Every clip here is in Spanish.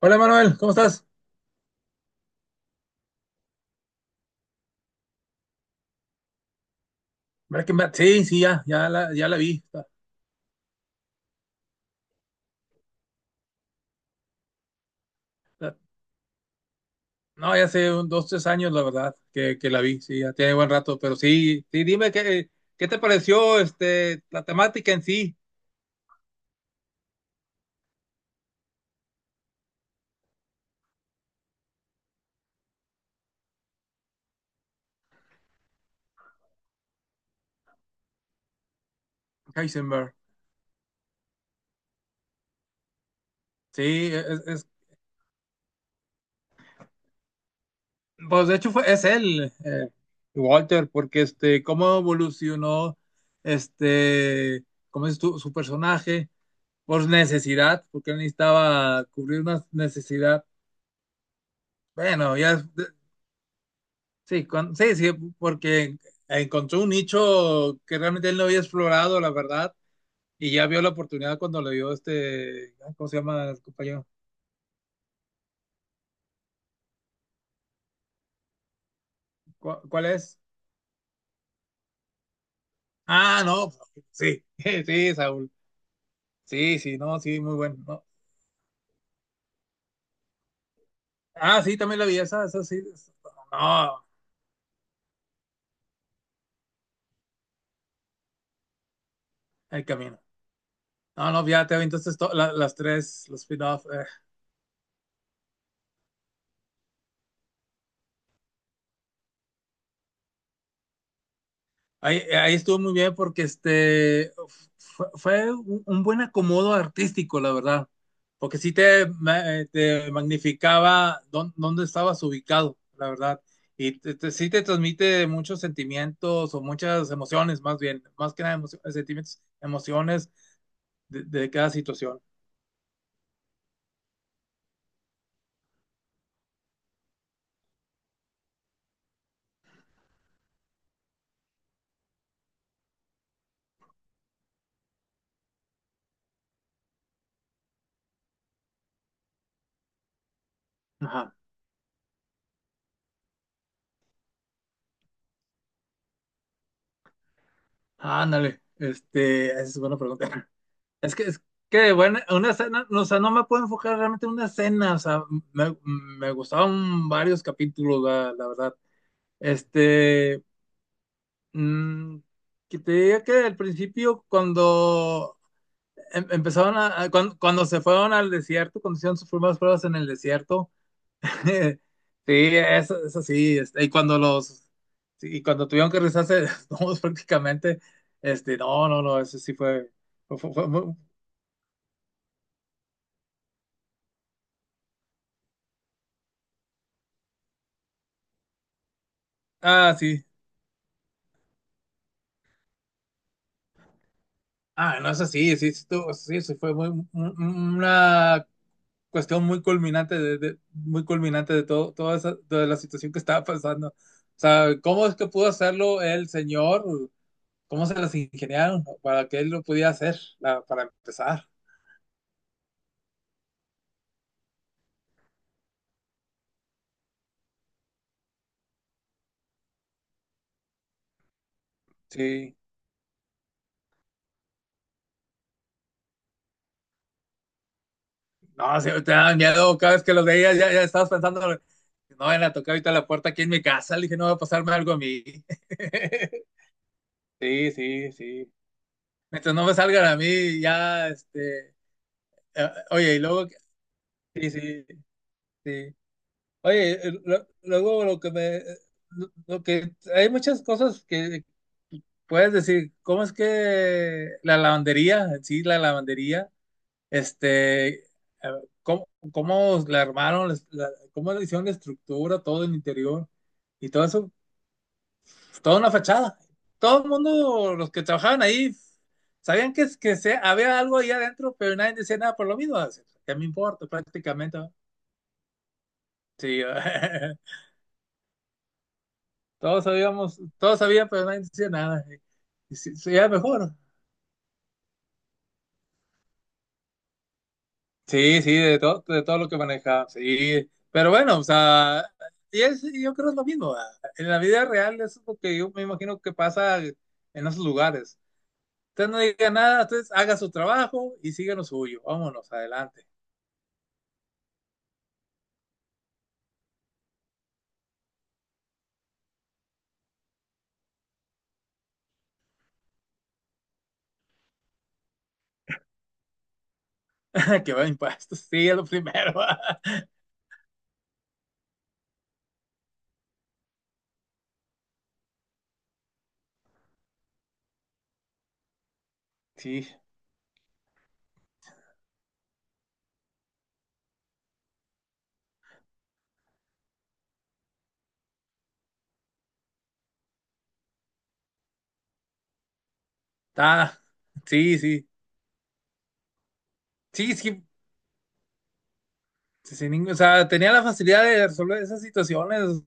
Hola Manuel, ¿cómo estás? Breaking Bad, sí, sí, ya, ya la vi. La- No, ya hace dos, tres años, la verdad, que la vi, sí, ya tiene buen rato, pero sí, sí, dime qué te pareció la temática en sí. Heisenberg. Sí, es, es- pues de hecho fue, es él, Walter, porque cómo evolucionó este, cómo es su personaje, por necesidad, porque él necesitaba cubrir una necesidad. Bueno, ya. Sí, sí, sí, porque encontró un nicho que realmente él no había explorado, la verdad, y ya vio la oportunidad cuando le dio este, ay, ¿cómo se llama el compañero? ¿Cuál es? Ah, no, sí, sí, Saúl, sí, sí, no, sí, muy bueno, no. Ah, sí, también la vi, esa sí, no, el camino. No, no, ya te entonces las tres, los spin-off, eh. Ahí estuvo muy bien porque fue, fue un buen acomodo artístico, la verdad, porque sí te magnificaba dónde estabas ubicado, la verdad, y sí te transmite muchos sentimientos o muchas emociones, más bien, más que nada sentimientos, emociones de cada situación. Ajá. Ándale, este, esa es buena pregunta. Es que, es bueno, una escena, no, o sea, no me puedo enfocar realmente en una escena, o sea, me gustaban varios capítulos, la verdad. Este, mm, que te diga que al principio, cuando empezaron cuando, cuando se fueron al desierto, cuando hicieron sus primeras pruebas en el desierto, sí, eso sí, este, y cuando los, sí, y cuando tuvieron que rezarse desnudos prácticamente, este, no, no, no, eso sí fue, fue, fue- fue- ah, sí. Ah, no es así, sí, sí, sí, sí fue muy, una cuestión muy culminante muy culminante de todo, toda esa, de la situación que estaba pasando. O sea, ¿cómo es que pudo hacerlo el señor? ¿Cómo se las ingeniaron para que él lo pudiera hacer, para empezar? Sí, no, sí, te da miedo cada vez que los veías, ya, ya estabas pensando, no van a tocar ahorita la puerta aquí en mi casa, le dije, no va a pasarme algo a mí. Sí, sí, sí. Mientras no me salgan a mí, ya, oye, y luego, sí, sí, sí. Oye, luego lo que hay muchas cosas que puedes decir, ¿cómo es que la lavandería, en sí, la lavandería, este, a ¿cómo, cómo la armaron, cómo le hicieron la estructura, todo el interior y todo eso? Pues, toda una fachada. Todo el mundo, los que trabajaban ahí, sabían que se, había algo ahí adentro, pero nadie decía nada por lo mismo, ¿qué me importa prácticamente? ¿No? Sí, todos sabíamos, todos sabían, pero nadie decía nada. Y sí, sí, era mejor. Sí, sí, de todo lo que manejaba, sí. Pero bueno, o sea, es, y yo creo es lo mismo, ¿verdad? En la vida real es lo que yo me imagino que pasa en esos lugares. Usted no diga nada, entonces haga su trabajo y siga lo suyo. Vámonos, adelante. Que va impuestos, sí, es lo primero. Sí, está, sí, sí. Sí, sí, sin ningún, o sea, tenía la facilidad de resolver esas situaciones.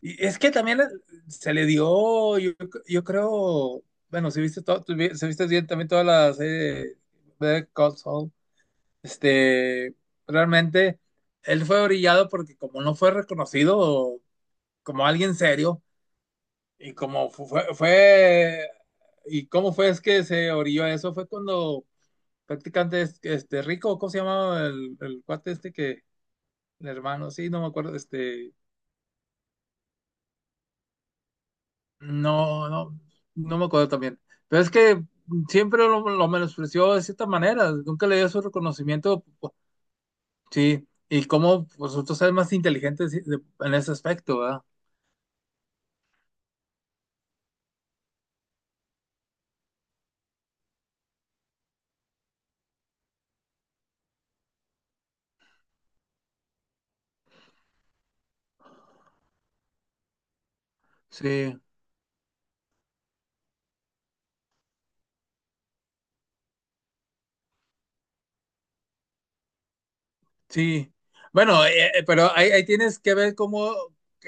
Y es que también le- Se le dio, yo creo, bueno, si viste todo, si viste bien también toda la serie de Console, este, realmente él fue brillado porque como no fue reconocido como alguien serio y como fue, fue y cómo fue es que se orilló a eso, fue cuando prácticamente este Rico, ¿cómo se llamaba el cuate este que el hermano? Sí, no me acuerdo, este. No, no, no me acuerdo también. Pero es que siempre lo menospreció de cierta manera, nunca le dio su reconocimiento, pu-. Sí, y cómo vosotros eres más inteligentes en ese aspecto, ¿verdad? Sí. Sí, bueno, pero ahí, ahí tienes que ver cómo,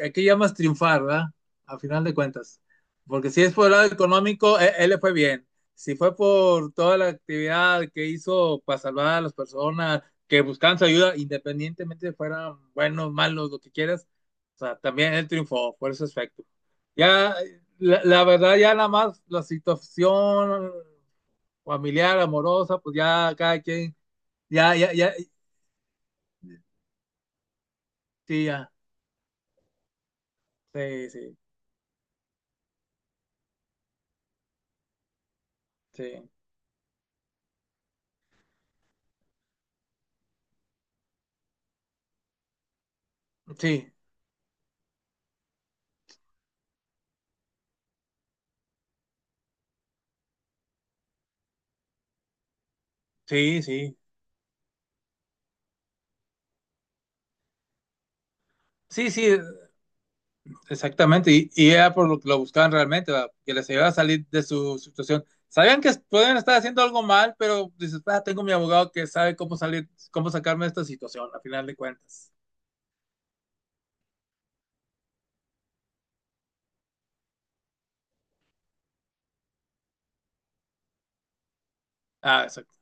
a qué llamas triunfar, ¿verdad? A final de cuentas. Porque si es por el lado económico, él, le fue bien. Si fue por toda la actividad que hizo para salvar a las personas que buscaban su ayuda, independientemente fueran buenos, malos, lo que quieras, o sea, también él triunfó por ese aspecto. Ya, la verdad, ya nada más la situación familiar, amorosa, pues ya cada quien, ya, ya, ya, sí, ya. Sí, sí, sí, sí, sí, sí, sí, sí, exactamente. Y era por lo que lo buscaban realmente, ¿verdad? Que les ayudara a salir de su situación. Sabían que pueden estar haciendo algo mal, pero dices, ah, tengo mi abogado que sabe cómo salir, cómo sacarme de esta situación, a final de cuentas. Ah, exacto.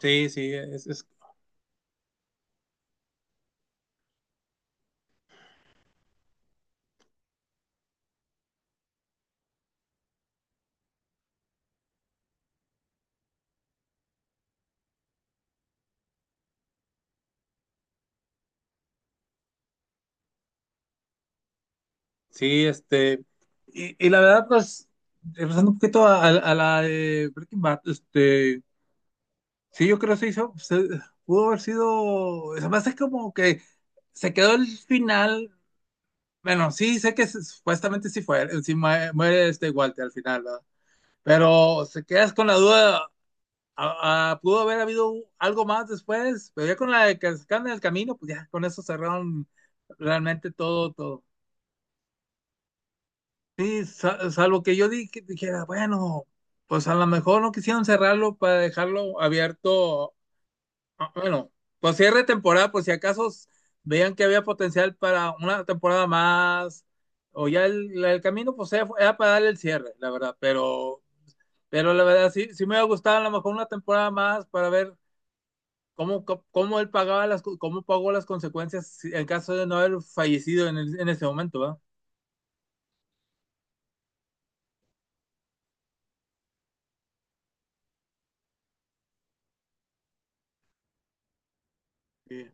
Sí, sí, sí, este. Y la verdad, pues, regresando un poquito a la de Breaking Bad, este. Sí, yo creo que se hizo, pudo haber sido. Además, es como que se quedó el final. Bueno, sí, sé que supuestamente sí fue. Sí muere este Walter al final, ¿verdad? Pero se quedas con la duda. Pudo haber habido algo más después, pero ya con la de que se quedan en el camino, pues ya con eso cerraron realmente todo, todo. Sí, salvo que que dijera, bueno, pues a lo mejor no quisieron cerrarlo para dejarlo abierto. Ah, bueno, pues cierre de temporada, por si acaso veían que había potencial para una temporada más, o ya el camino, pues era para darle el cierre, la verdad, pero la verdad sí, sí me hubiera gustado a lo mejor una temporada más para ver cómo él pagaba cómo pagó las consecuencias en caso de no haber fallecido en, en ese momento, ¿verdad? Sí.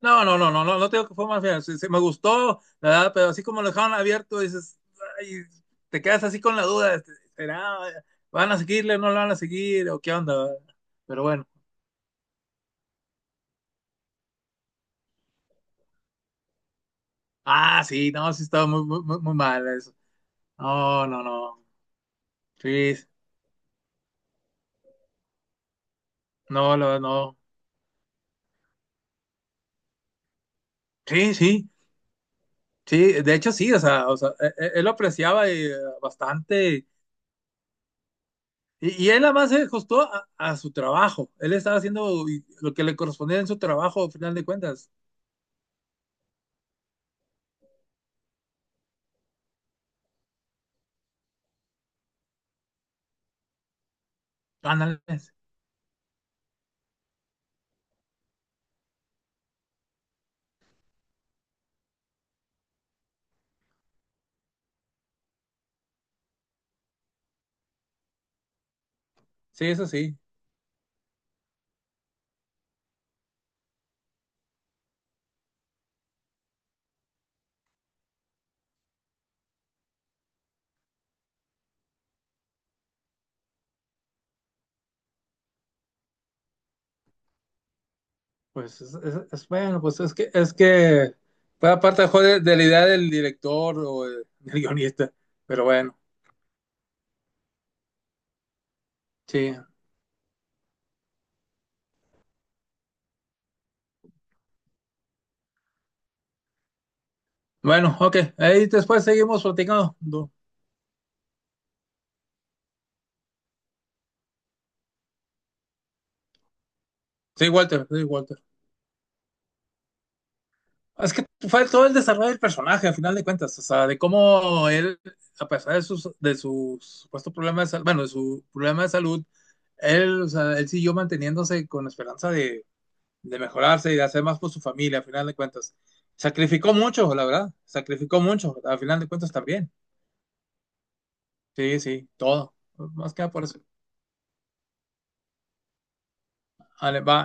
No, no, no, no, no, no, te digo que fue más bien. Sí, sí, me gustó, ¿verdad? Pero así como lo dejaron abierto, dices, ay, te quedas así con la duda, este, ¿será? ¿Van a seguirle? ¿No lo van a seguir? ¿O qué onda? ¿Verdad? Pero bueno. Ah, sí, no, sí estaba muy, muy, muy, muy mal eso. No, no, no. Sí, no, lo- no. Sí, sí, sí. De hecho, sí, o sea, él, lo apreciaba, bastante. Y él además se ajustó a su trabajo. Él estaba haciendo lo que le correspondía en su trabajo, al final de cuentas. Ándale. Sí, eso sí, pues es bueno, pues es que fue aparte mejor de, la idea del director o de- del guionista, pero bueno, sí. Bueno, ok, ahí después seguimos platicando. Du- Sí, Walter, sí, Walter. Es que fue todo el desarrollo del personaje, al final de cuentas, o sea, de cómo él, a pesar de sus supuesto problema de salud, bueno, de su problema de salud, él, o sea, él siguió manteniéndose con esperanza de mejorarse y de hacer más por su familia, al final de cuentas. Sacrificó mucho, la verdad, sacrificó mucho, al final de cuentas también. Sí, sí, todo. Más que nada por eso. Ale, va.